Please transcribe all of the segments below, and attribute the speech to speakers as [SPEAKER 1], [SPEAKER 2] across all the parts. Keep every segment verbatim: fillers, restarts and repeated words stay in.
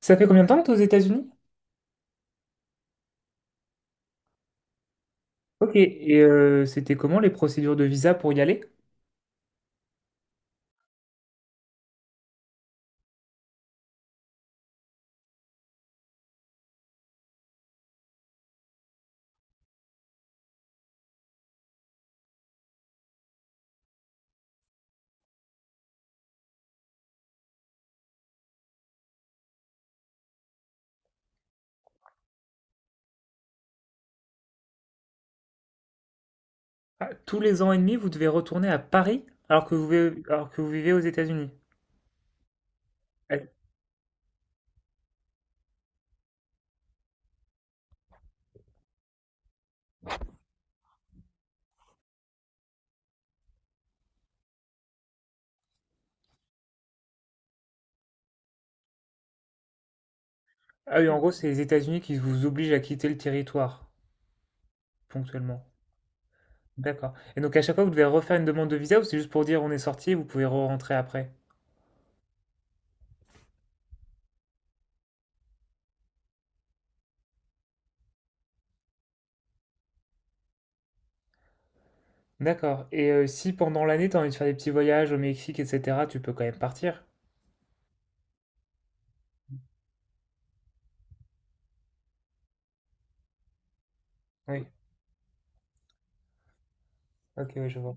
[SPEAKER 1] Ça fait combien de temps que tu es aux États-Unis? Ok, et euh, c'était comment les procédures de visa pour y aller? Ah, tous les ans et demi, vous devez retourner à Paris alors que vous vivez, alors que vous vivez aux États-Unis. Ah ah oui, en gros, c'est les États-Unis qui vous obligent à quitter le territoire ponctuellement. D'accord. Et donc à chaque fois, vous devez refaire une demande de visa ou c'est juste pour dire on est sorti et vous pouvez re-rentrer après? D'accord. Et euh, si pendant l'année, t'as envie de faire des petits voyages au Mexique, et cetera, tu peux quand même partir? Oui. Ok, oui, je vois.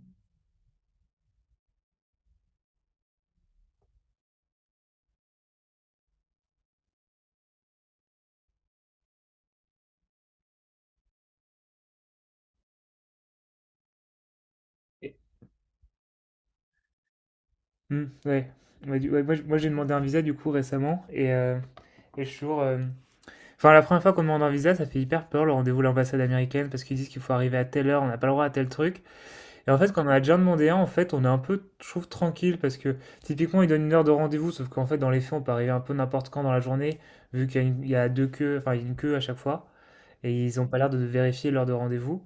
[SPEAKER 1] Mmh, ouais. Ouais, du ouais, moi, j moi, j'ai demandé un visa, du coup, récemment, et, heu, et je suis toujours, hem enfin, la première fois qu'on demande un visa, ça fait hyper peur, le rendez-vous à l'ambassade américaine, parce qu'ils disent qu'il faut arriver à telle heure, on n'a pas le droit à tel truc et en fait, quand on a déjà demandé un, en fait, on est un peu, je trouve, tranquille parce que, typiquement, ils donnent une heure de rendez-vous, sauf qu'en fait, dans les faits, on peut arriver un peu n'importe quand dans la journée, vu qu'il y a une il y a deux queues, enfin, il y a une queue à chaque fois et ils ont pas l'air de vérifier l'heure de rendez-vous,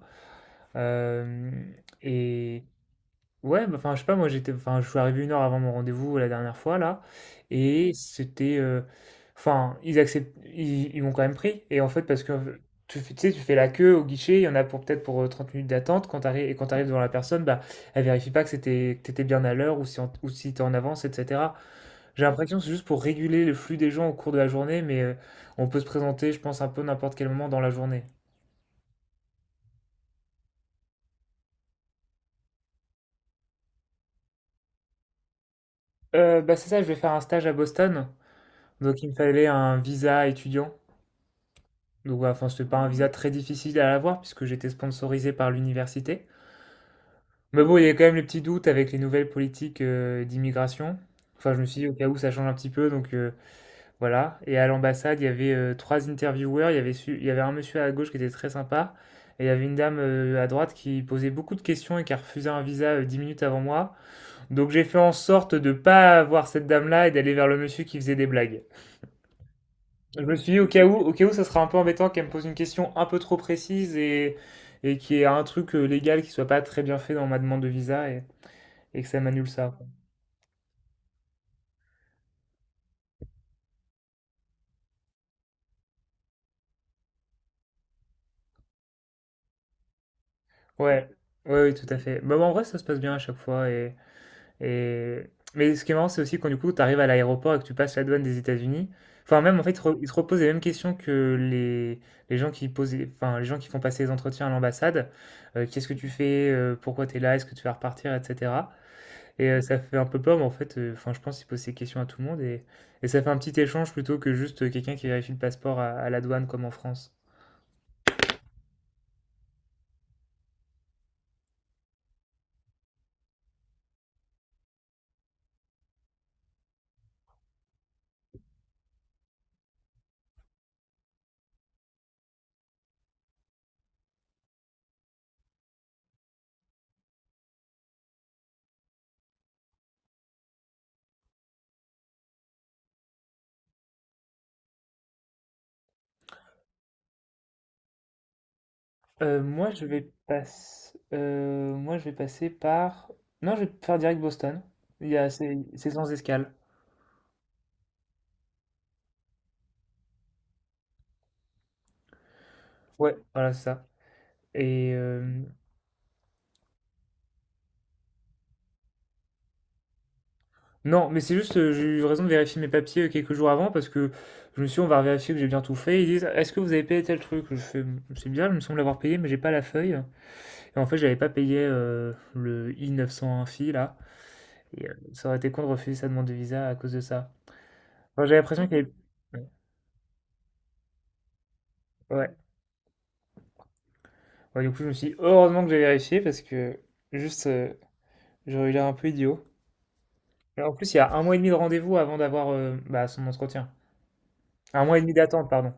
[SPEAKER 1] hem et... Ouais, bah, enfin, je sais pas, moi j'étais, enfin, je suis arrivé une heure avant mon rendez-vous la dernière fois là, et c'était, euh, enfin, ils acceptent, ils, ils m'ont quand même pris, et en fait, parce que euh, tu, fais- tu sais, tu fais la queue au guichet, il y en a pour peut-être pour euh, trente minutes d'attente, quand t'arrives, et quand t'arrives devant la personne, bah, elle vérifie pas que c'était, que t'étais bien à l'heure, ou si, en- ou si t'es en avance, et cetera. J'ai l'impression que c'est juste pour réguler le flux des gens au cours de la journée, mais euh, on peut se présenter, je pense, un peu n'importe quel moment dans la journée. Euh, bah, c'est ça, je vais faire un stage à Boston, donc il me fallait un visa étudiant. Donc voilà, enfin, c'était pas un visa très difficile à avoir puisque j'étais sponsorisé par l'université. Mais bon, il y a quand même les petits doutes avec les nouvelles politiques euh, d'immigration. Enfin, je me suis dit au cas où ça change un petit peu, donc euh, voilà. Et à l'ambassade, il y avait euh, trois intervieweurs. Il y avait, su- il y avait un monsieur à gauche qui était très sympa. Et il y avait une dame euh, à droite qui posait beaucoup de questions et qui a refusé un visa euh, dix minutes avant moi. Donc j'ai fait en sorte de pas voir cette dame-là et d'aller vers le monsieur qui faisait des blagues. Je me suis dit au cas où, au cas où, ça sera un peu embêtant qu'elle me pose une question un peu trop précise et, et qu'il y ait un truc euh, légal qui soit pas très bien fait dans ma demande de visa et, et que ça m'annule ça. Ouais, ouais, oui, tout à fait. Bah, bah, en vrai, ça se passe bien à chaque fois. Et, et... Mais ce qui est marrant, c'est aussi quand du coup, tu arrives à l'aéroport et que tu passes la douane des États-Unis. Enfin, même en fait, ils te re- ils te reposent les mêmes questions que les, les gens qui posent, les- enfin, les gens qui font passer les entretiens à l'ambassade. Euh, qu'est-ce que tu fais? euh, pourquoi tu es là? Est-ce que tu vas repartir? Etc. Et heu, ça fait un peu peur, mais en fait, heu, enfin, je pense il pose ces questions à tout le monde et et ça fait un petit échange plutôt que juste, heu, quelqu'un qui vérifie le passeport à à la douane comme en France. Heu, moi je vais passer, moi je vais passer par non, je vais faire direct Boston. Il y a c'est c'est sans escale. Ouais, voilà, c'est ça et hem, non, mais c'est juste, heu, j'ai eu raison de vérifier mes papiers, heu, quelques jours avant parce que je me suis dit: «On va vérifier que j'ai bien tout fait». Ils disent: «Est-ce que vous avez payé tel truc?» Je fais: «Mmh, c'est bien, il me semble l'avoir payé, mais j'ai pas la feuille». Et en fait, j'avais pas payé, heu, le I neuf cent un Phi là et heu, ça aurait été con de refuser sa demande de visa à cause de ça. Enfin, j'avais l'impression Mmh qu'il y avait... Ouais, ouais. Ouais, du coup, je me suis dit: «Heureusement que j'ai vérifié» parce que juste, heu, j'aurais eu l'air un peu idiot. Et en plus, il y a un mois et demi de rendez-vous avant d'avoir, heu, bah, son entretien. Un mois et demi d'attente, pardon.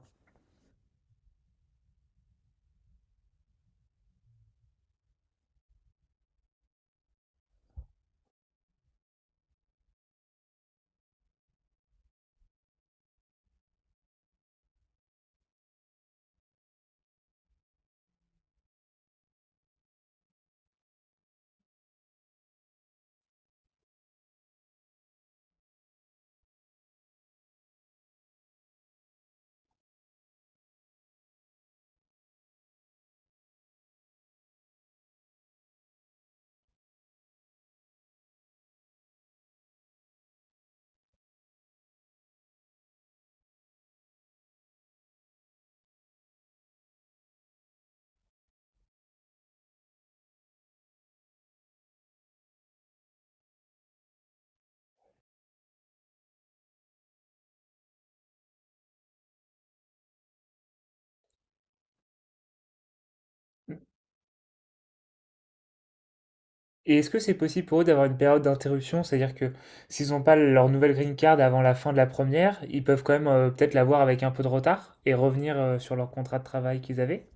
[SPEAKER 1] Et est-ce que c'est possible pour eux d'avoir une période d'interruption? C'est-à-dire que s'ils n'ont pas leur nouvelle green card avant la fin de la première, ils peuvent quand même, heu, peut-être l'avoir avec un peu de retard et revenir, heu, sur leur contrat de travail qu'ils avaient?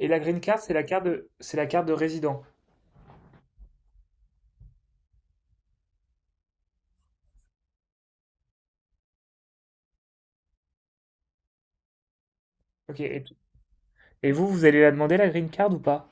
[SPEAKER 1] Et la green card, c'est la carte de, c'est la carte de résident. Ok. Et, et vous, vous allez la demander la green card ou pas?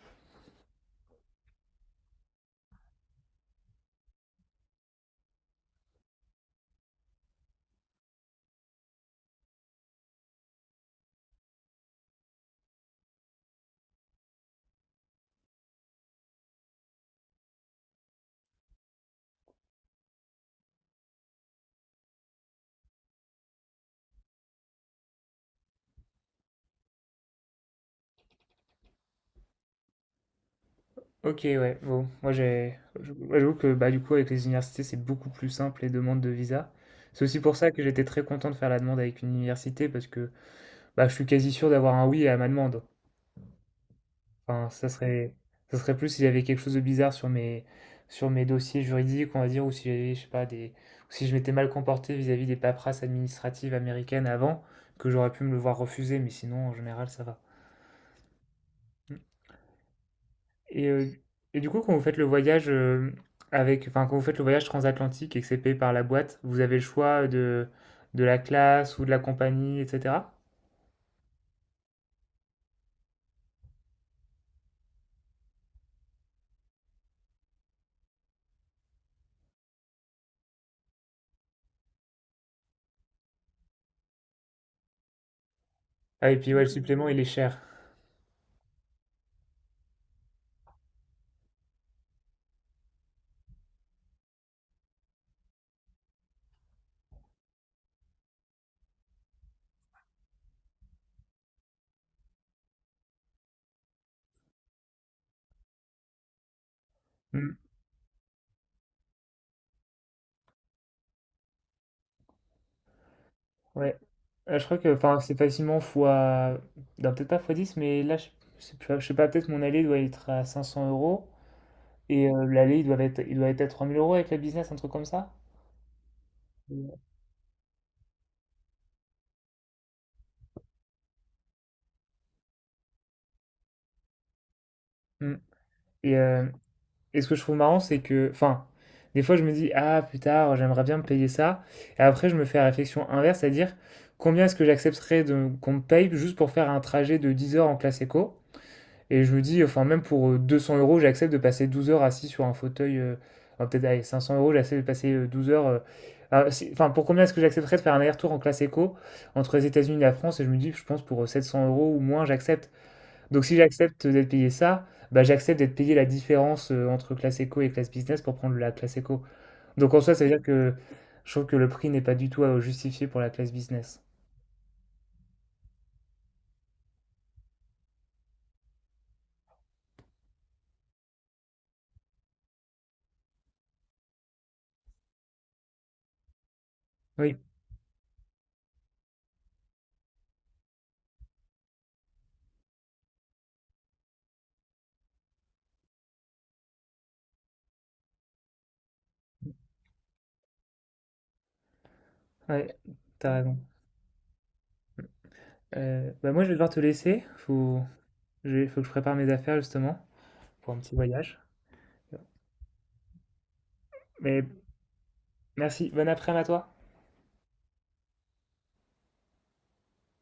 [SPEAKER 1] Ok, ouais. Bon, moi j'ai, je- moi, j'avoue que bah du coup avec les universités, c'est beaucoup plus simple les demandes de visa. C'est aussi pour ça que j'étais très content de faire la demande avec une université parce que bah je suis quasi sûr d'avoir un oui à ma demande. Enfin, ça serait, ça serait plus s'il y avait quelque chose de bizarre sur mes, sur mes dossiers juridiques, on va dire, ou si j'avais, je sais pas, des, ou si je m'étais mal comporté vis-à-vis des paperasses administratives américaines avant, que j'aurais pu me le voir refuser, mais sinon, en général, ça va. Et, euh, et du coup, quand vous faites le voyage euh, avec, enfin, quand vous faites le voyage transatlantique et que c'est payé par la boîte, vous avez le choix de, de la classe ou de la compagnie, et cetera. Ah, et puis ouais, le supplément, il est cher. Hmm, ouais. Euh, je crois que enfin, c'est facilement fois. Non, peut-être pas fois dix mais là, je je sais plus, je sais pas, peut-être mon aller doit être à cinq cents euros. Et euh, l'aller, il doit être, il doit être à trois mille euros avec la business, un truc comme ça. Ouais. Mm. Et, euh, et ce que je trouve marrant, c'est que, enfin, des fois je me dis, ah, plus tard, j'aimerais bien me payer ça. Et après, je me fais la réflexion inverse, c'est-à-dire, combien est-ce que j'accepterais de, qu'on me paye juste pour faire un trajet de dix heures en classe éco? Et je me dis, enfin, même pour euh, deux cents euros, j'accepte de passer douze heures assis sur un fauteuil. Euh, enfin, peut-être, allez, cinq cents euros, j'accepte de passer euh, douze heures. euh, ah, si- Enfin, pour combien est-ce que j'accepterais de faire un aller-retour en classe éco entre les États-Unis et la France? Et je me dis, je pense pour euh, sept cents euros ou moins, j'accepte. Donc, si j'accepte d'être payé ça, bah, j'accepte d'être payé la différence euh, entre classe éco et classe business pour prendre la classe éco. Donc, en soi, ça veut dire que je trouve que le prix n'est pas du tout euh, justifié pour la classe business. Oui, ouais, t'as raison. Euh, bah, moi, je vais devoir te laisser. Faut... Il faut que je prépare mes affaires justement pour un petit voyage. Mais merci, bonne après-midi à toi.